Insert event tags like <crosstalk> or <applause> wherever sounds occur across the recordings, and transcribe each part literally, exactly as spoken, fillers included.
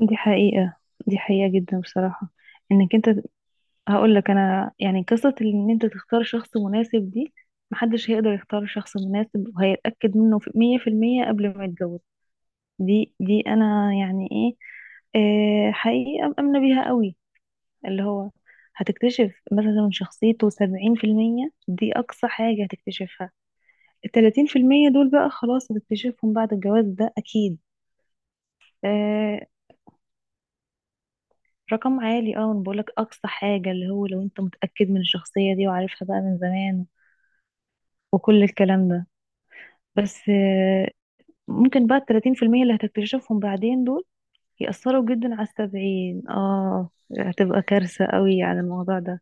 دي حقيقة. دي حقيقة جدا بصراحة. انك انت هقول لك انا، يعني، قصة ان انت تختار شخص مناسب دي. محدش هيقدر يختار شخص مناسب وهيتأكد منه في مية في المية قبل ما يتجوز. دي دي انا يعني ايه. آه، حقيقة مأمنة بيها قوي. اللي هو هتكتشف مثلا من شخصيته سبعين في المية، دي أقصى حاجة هتكتشفها. التلاتين في المية دول بقى خلاص هتكتشفهم بعد الجواز ده أكيد. آه، رقم عالي. اه انا بقولك اقصى حاجة، اللي هو لو انت متأكد من الشخصية دي وعارفها بقى من زمان وكل الكلام ده. بس آه، ممكن بقى التلاتين في المية اللي هتكتشفهم بعدين دول يأثروا جدا على السبعين. اه هتبقى كارثة قوي على الموضوع ده.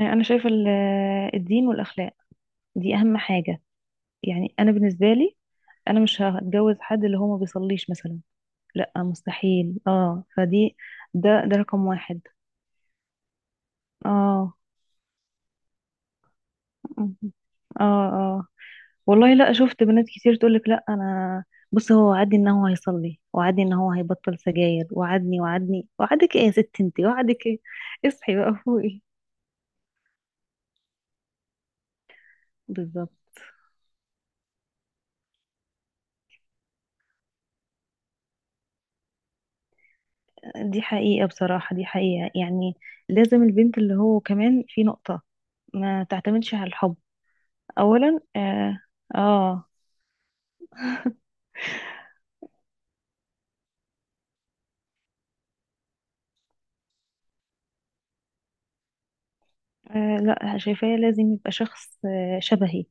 آه، انا شايفة ال- آه، الدين والاخلاق دي اهم حاجة. يعني انا بالنسبة لي، انا مش هتجوز حد اللي هو ما بيصليش مثلا. لا مستحيل. اه فدي، ده ده رقم واحد. اه <laughs> اه اه، والله. لا شفت بنات كتير تقولك: لا انا، بص، هو وعدني ان هو هيصلي، وعدني ان هو هيبطل سجاير، وعدني وعدني. وعدك ايه يا ست انتي، وعدك ايه؟ اصحي بقى فوقي. بالظبط. دي حقيقة بصراحة، دي حقيقة يعني. لازم البنت، اللي هو كمان في نقطة، ما تعتمدش على الحب اولا اه, آه, آه لا، شايفاه لازم يبقى شخص آه شبهي.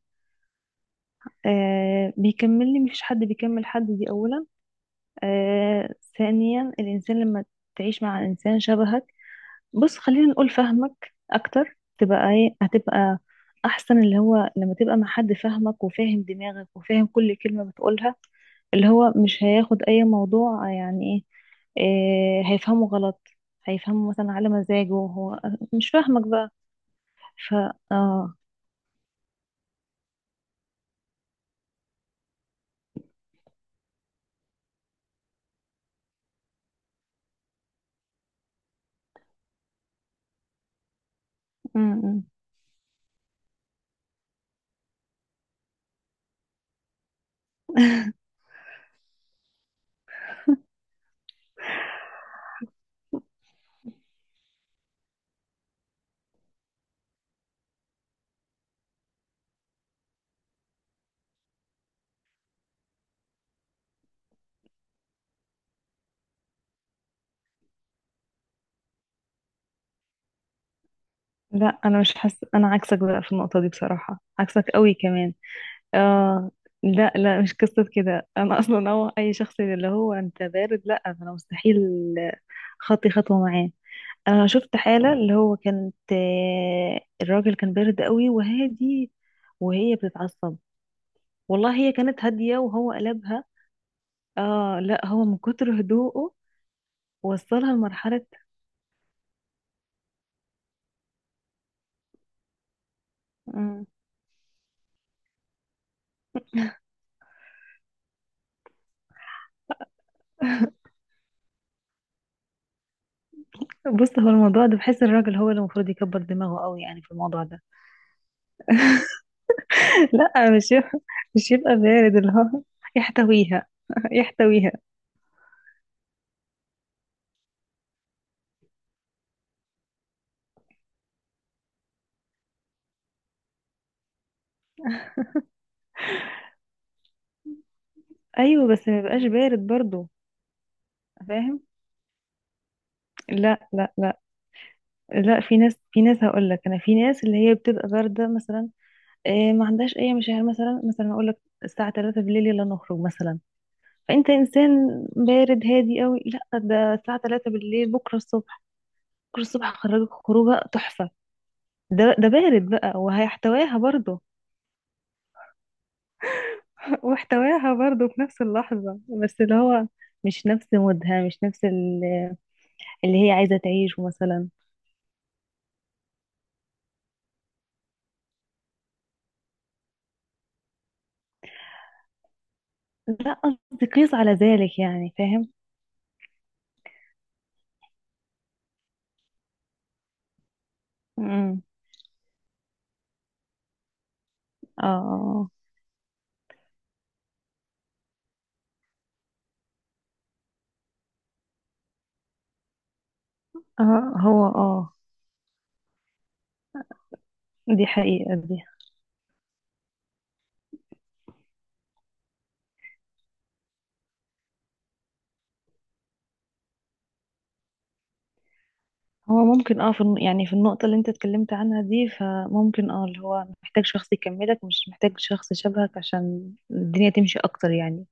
آه بيكملني، مفيش حد بيكمل حد، دي اولا. آه ثانيا، الإنسان لما تعيش مع إنسان شبهك، بص خلينا نقول فهمك أكتر، تبقى إيه؟ هتبقى أحسن. اللي هو لما تبقى مع حد فاهمك وفاهم دماغك وفاهم كل كلمة بتقولها، اللي هو مش هياخد أي موضوع يعني إيه. آه هيفهمه غلط، هيفهمه مثلا على مزاجه هو، مش فاهمك بقى. ف آه م- م. لا، أنا مش حاسة، أنا عكسك بقى في النقطة دي، بصراحة عكسك قوي كمان. اه لا لا، مش قصة كده. انا اصلا هو اي شخص اللي هو انت بارد، لا انا مستحيل خطي خطوة معاه. انا شفت حالة اللي هو كانت، آه، الراجل كان بارد قوي وهادي، وهي بتتعصب. والله هي كانت هادية وهو قلبها. اه لا، هو من كتر هدوءه وصلها لمرحلة. مم. بص هو الموضوع ده، بحس الراجل هو اللي المفروض يكبر دماغه قوي يعني في الموضوع ده. <laughs> لا مش يبقى، مش يبقى بارد. اللي هو يحتويها. <laughs> يحتويها. ايوه بس ما يبقاش بارد برضو. فاهم؟ لا لا لا لا. في ناس، في ناس هقول لك انا، في ناس اللي هي بتبقى بارده مثلا، إيه، ما عندهاش اي مشاعر. مثلا مثلا اقول لك الساعه تلاتة بالليل يلا نخرج مثلا، فانت انسان بارد هادي قوي، لا ده الساعه تلاتة بالليل، بكره الصبح، بكره الصبح هخرجك خروجه تحفه. ده ده بارد بقى وهيحتواها برضو. <laughs> واحتواها برضو في نفس اللحظه، بس اللي هو مش نفس مودها، مش نفس ال- اللي هي عايزه تعيشه مثلا. لا قصدي قيس على ذلك، يعني فاهم. امم. اه اه، آه، هو اه دي حقيقة دي. هو ممكن اه في الن- يعني في النقطة اللي انت اتكلمت عنها دي، فممكن اه اللي هو محتاج شخص يكملك، مش محتاج شخص شبهك، عشان الدنيا تمشي اكتر يعني.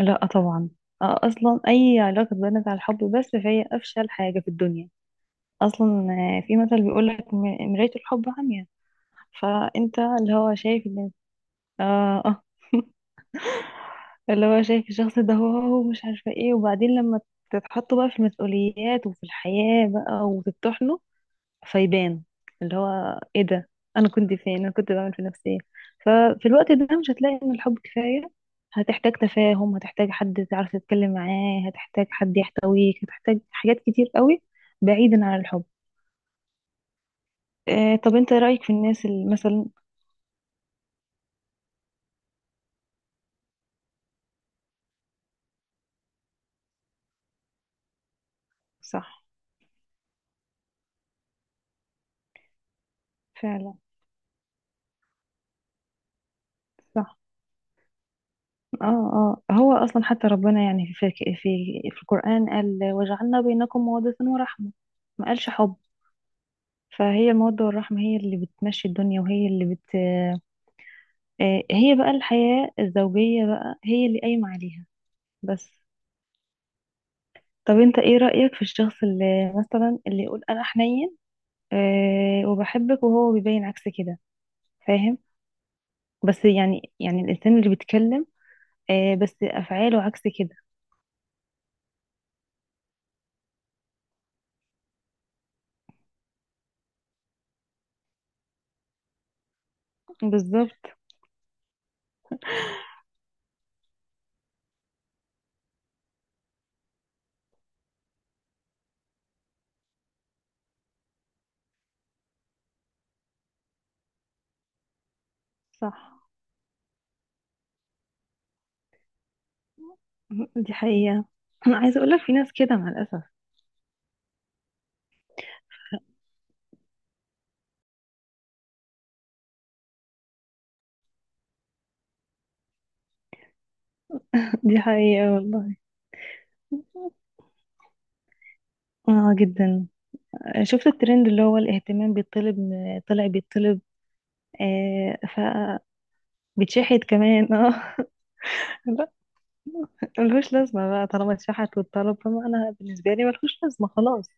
لا طبعا. آه اصلا اي علاقة بنت على الحب بس، فهي افشل حاجة في الدنيا اصلا. آه، في مثل بيقولك: م- مراية الحب عمياء. فانت اللي هو شايف ان اه، آه، اللي هو شايف الشخص ده، هو هو مش عارفة ايه. وبعدين لما تتحطوا بقى في المسؤوليات وفي الحياة بقى وتطحنوا، فيبان اللي هو ايه ده، انا كنت فين، انا كنت بعمل في نفسي ايه. ففي الوقت ده مش هتلاقي ان الحب كفاية. هتحتاج تفاهم، هتحتاج حد تعرف تتكلم معاه، هتحتاج حد يحتويك، هتحتاج حاجات كتير قوي بعيدا عن الحب. آه طب انت رأيك في الناس اللي مثلا. صح. فعلا. صح. اه اه. هو اصلا حتى ربنا يعني في في في القرآن قال: وجعلنا بينكم مودة ورحمة، ما قالش حب. فهي المودة والرحمة هي اللي بتمشي الدنيا، وهي اللي بت آه، هي بقى الحياة الزوجية بقى هي اللي قايمة عليها. بس. طب انت ايه رأيك في الشخص اللي مثلا، اللي يقول: انا حنين، آه، وبحبك، وهو بيبين عكس كده. فاهم؟ بس يعني، يعني الانسان اللي بيتكلم، آه، بس افعاله عكس كده. بالظبط. صح، دي حقيقة. أنا عايزة أقولك في ناس كده مع الأسف. <laughs> دي حقيقة والله. اه جدا. شفت الترند اللي هو الاهتمام بيطلب، طلع بيطلب. آه ف بيتشحت كمان اه. <laughs> لا ملهوش لازمة بقى. طالما اتشحت والطلب، فما أنا بالنسبة لي ملهوش لازمة خلاص.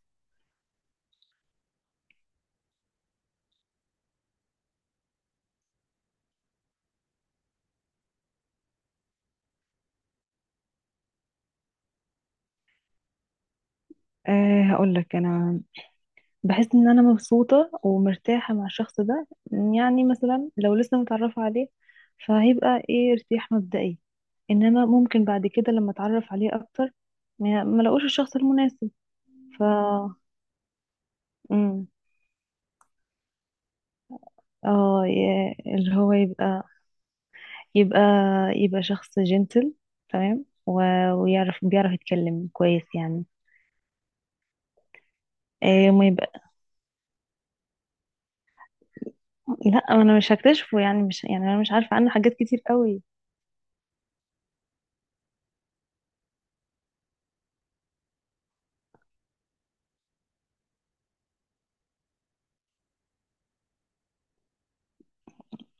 آه هقول لك أنا بحس ان انا مبسوطة ومرتاحة مع الشخص ده. يعني مثلا لو لسه متعرفة عليه، فهيبقى ايه؟ ارتياح مبدئي. انما ممكن بعد كده لما اتعرف عليه اكتر، ما ما لاقوش الشخص المناسب. ف امم اه ي- اللي هو يبقى يبقى يبقى شخص جنتل تمام، و- ويعرف، بيعرف يتكلم كويس يعني. إيه ما يبقى. لا انا مش هكتشفه يعني، مش يعني، انا مش عارفة عنه حاجات كتير قوي.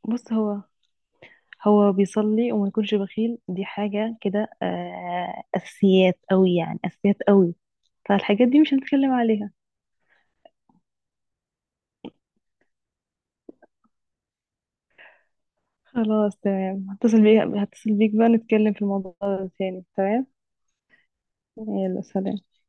بص، هو هو بيصلي وما يكونش بخيل، دي حاجة كده آه، أساسيات أوي يعني، أساسيات أوي. فالحاجات دي مش هنتكلم عليها. خلاص تمام، هتصل بيك، هتصل بيك بقى نتكلم في الموضوع ده تاني. تمام. يلا سلام.